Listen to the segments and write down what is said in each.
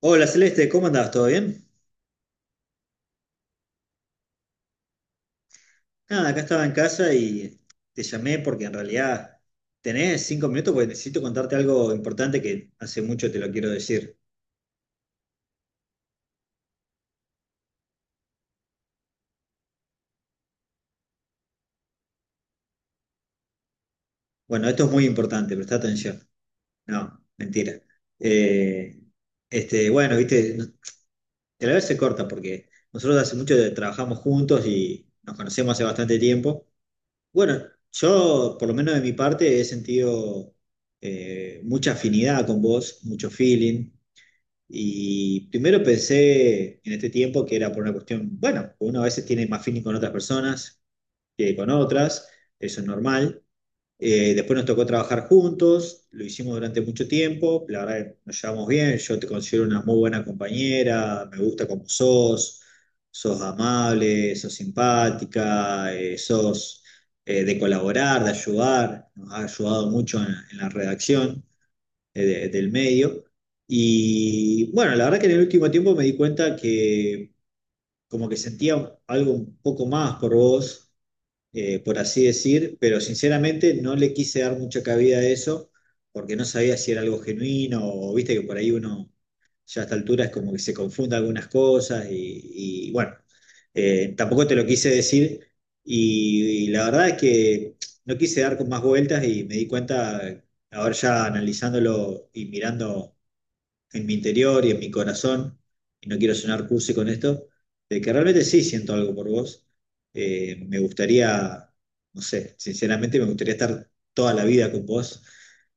Hola Celeste, ¿cómo andás? ¿Todo bien? Nada, acá estaba en casa y te llamé porque en realidad tenés 5 minutos porque necesito contarte algo importante que hace mucho te lo quiero decir. Bueno, esto es muy importante, presta atención. No, mentira. Eh, bueno, viste, te la vez se corta porque nosotros hace mucho que trabajamos juntos y nos conocemos hace bastante tiempo. Bueno, yo, por lo menos de mi parte, he sentido mucha afinidad con vos, mucho feeling. Y primero pensé en este tiempo que era por una cuestión, bueno, uno a veces tiene más feeling con otras personas que con otras, eso es normal. Después nos tocó trabajar juntos, lo hicimos durante mucho tiempo, la verdad que nos llevamos bien, yo te considero una muy buena compañera, me gusta como sos, sos amable, sos simpática, sos de colaborar, de ayudar, nos ha ayudado mucho en la redacción del medio. Y bueno, la verdad que en el último tiempo me di cuenta que como que sentía algo un poco más por vos, por así decir, pero sinceramente no le quise dar mucha cabida a eso porque no sabía si era algo genuino o viste que por ahí uno ya a esta altura es como que se confunda algunas cosas y bueno, tampoco te lo quise decir y la verdad es que no quise dar con más vueltas y me di cuenta, ahora ya analizándolo y mirando en mi interior y en mi corazón, y no quiero sonar cursi con esto, de que realmente sí siento algo por vos. Me gustaría, no sé, sinceramente me gustaría estar toda la vida con vos.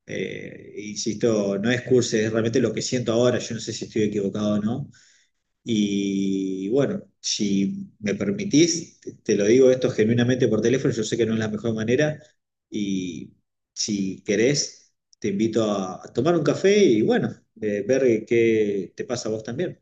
Insisto, no es cursi, es realmente lo que siento ahora. Yo no sé si estoy equivocado o no, y bueno, si me permitís, te lo digo esto genuinamente por teléfono, yo sé que no es la mejor manera y si querés, te invito a tomar un café y bueno, ver qué te pasa a vos también.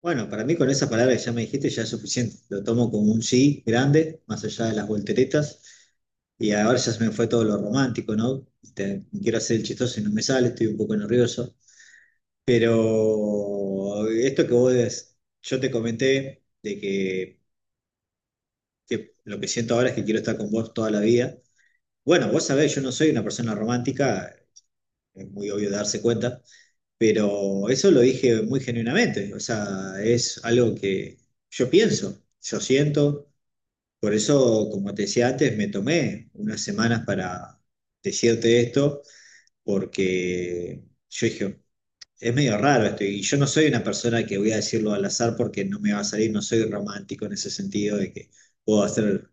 Bueno, para mí con esa palabra que ya me dijiste ya es suficiente, lo tomo como un sí grande, más allá de las volteretas y ahora ya se me fue todo lo romántico, ¿no? Quiero hacer el chistoso y no me sale, estoy un poco nervioso. Pero esto yo te comenté de que lo que siento ahora es que quiero estar con vos toda la vida. Bueno, vos sabés, yo no soy una persona romántica, es muy obvio darse cuenta, pero eso lo dije muy genuinamente, o sea, es algo que yo pienso, yo siento, por eso, como te decía antes, me tomé unas semanas para decirte esto, porque yo dije... Es medio raro esto, y yo no soy una persona que voy a decirlo al azar porque no me va a salir, no soy romántico en ese sentido de que puedo hacer,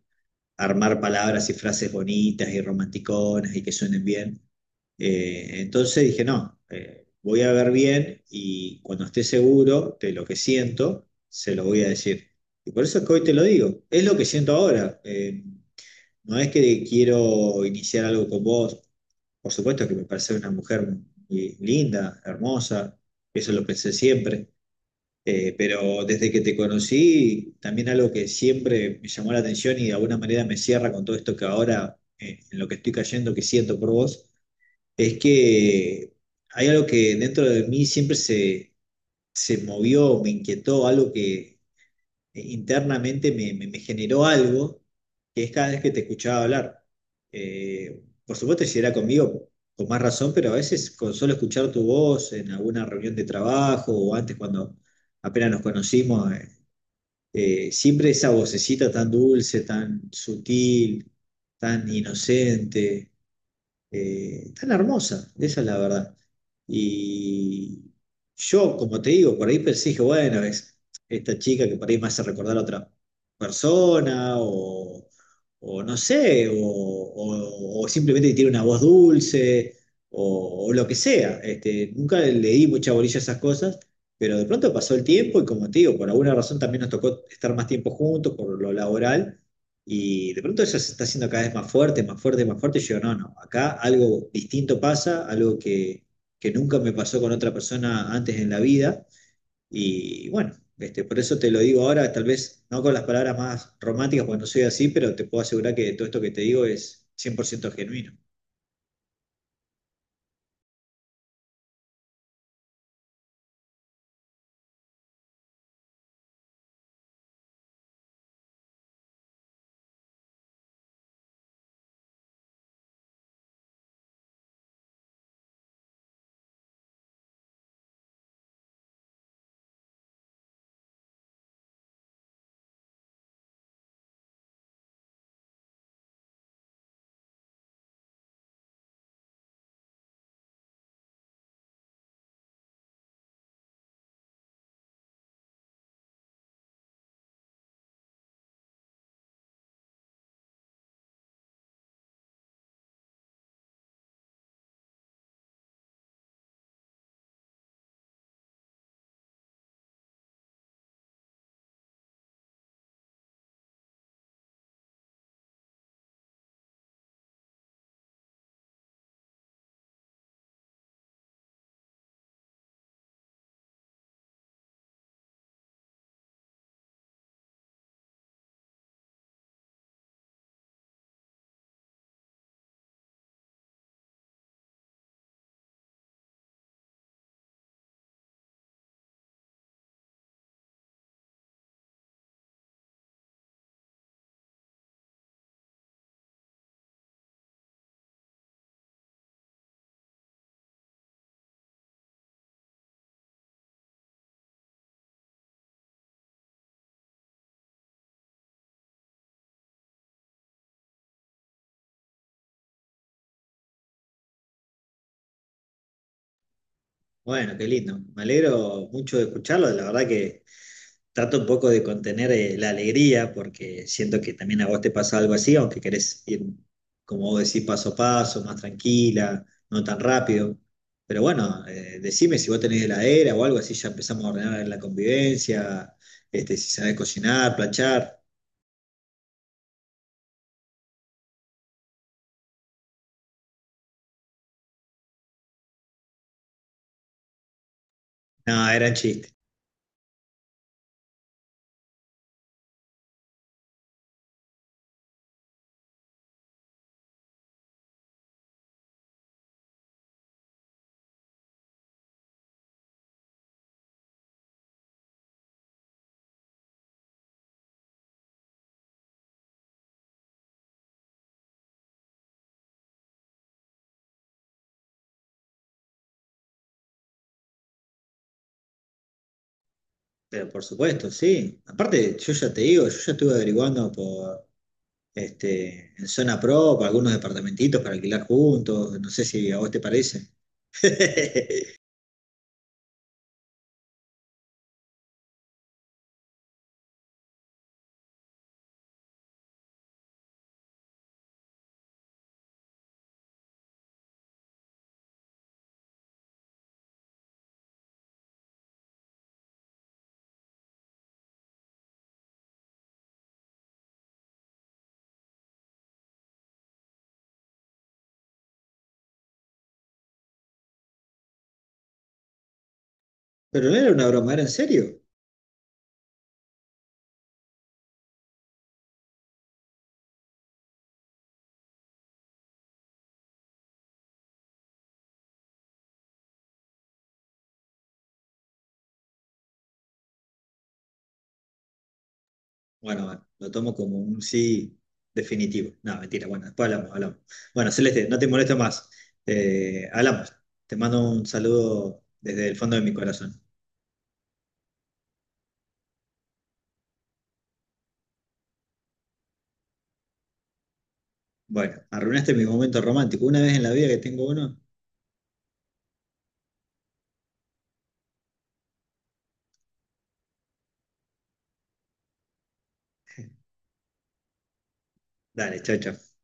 armar palabras y frases bonitas y romanticonas y que suenen bien. Entonces dije, no, voy a ver bien y cuando esté seguro de lo que siento, se lo voy a decir. Y por eso es que hoy te lo digo, es lo que siento ahora. No es que quiero iniciar algo con vos, por supuesto que me parece una mujer muy linda, hermosa, eso lo pensé siempre, pero desde que te conocí, también algo que siempre me llamó la atención y de alguna manera me cierra con todo esto que ahora, en lo que estoy cayendo, que siento por vos, es que hay algo que dentro de mí se movió, me inquietó, algo que internamente me generó algo que es cada vez que te escuchaba hablar. Por supuesto, si era conmigo, con más razón, pero a veces con solo escuchar tu voz en alguna reunión de trabajo o antes cuando apenas nos conocimos, siempre esa vocecita tan dulce, tan sutil, tan inocente, tan hermosa, esa es la verdad. Y yo, como te digo, por ahí pensé, dije, bueno, es esta chica que por ahí me hace recordar a otra persona, o no sé, o simplemente tiene una voz dulce, o lo que sea. Este, nunca le di mucha bolilla a esas cosas. Pero de pronto pasó el tiempo y como te digo, por alguna razón también nos tocó estar más tiempo juntos por lo laboral. Y de pronto eso se está haciendo cada vez más fuerte, más fuerte, más fuerte. Y yo, no, no, acá algo distinto pasa, algo que nunca me pasó con otra persona antes en la vida. Y bueno, este, por eso te lo digo ahora, tal vez no con las palabras más románticas, porque no soy así, pero te puedo asegurar que todo esto que te digo es 100% genuino. Bueno, qué lindo. Me alegro mucho de escucharlo. La verdad que trato un poco de contener la alegría porque siento que también a vos te pasa algo así, aunque querés ir, como vos decís, paso a paso, más tranquila, no tan rápido. Pero bueno, decime si vos tenés heladera o algo así, ya empezamos a ordenar la convivencia, este, si sabés cocinar, planchar. No, eran chistes. Pero por supuesto, sí. Aparte, yo ya te digo, yo ya estuve averiguando por este, en zona pro, para algunos departamentitos para alquilar juntos, no sé si a vos te parece. Pero no era una broma, ¿era en serio? Bueno, bueno, lo tomo como un sí definitivo. No, mentira, bueno, después hablamos, hablamos. Bueno, Celeste, no te molesto más. Hablamos. Te mando un saludo desde el fondo de mi corazón. Bueno, arruinaste mi momento romántico. Una vez en la vida que tengo uno. Dale, chao, chao.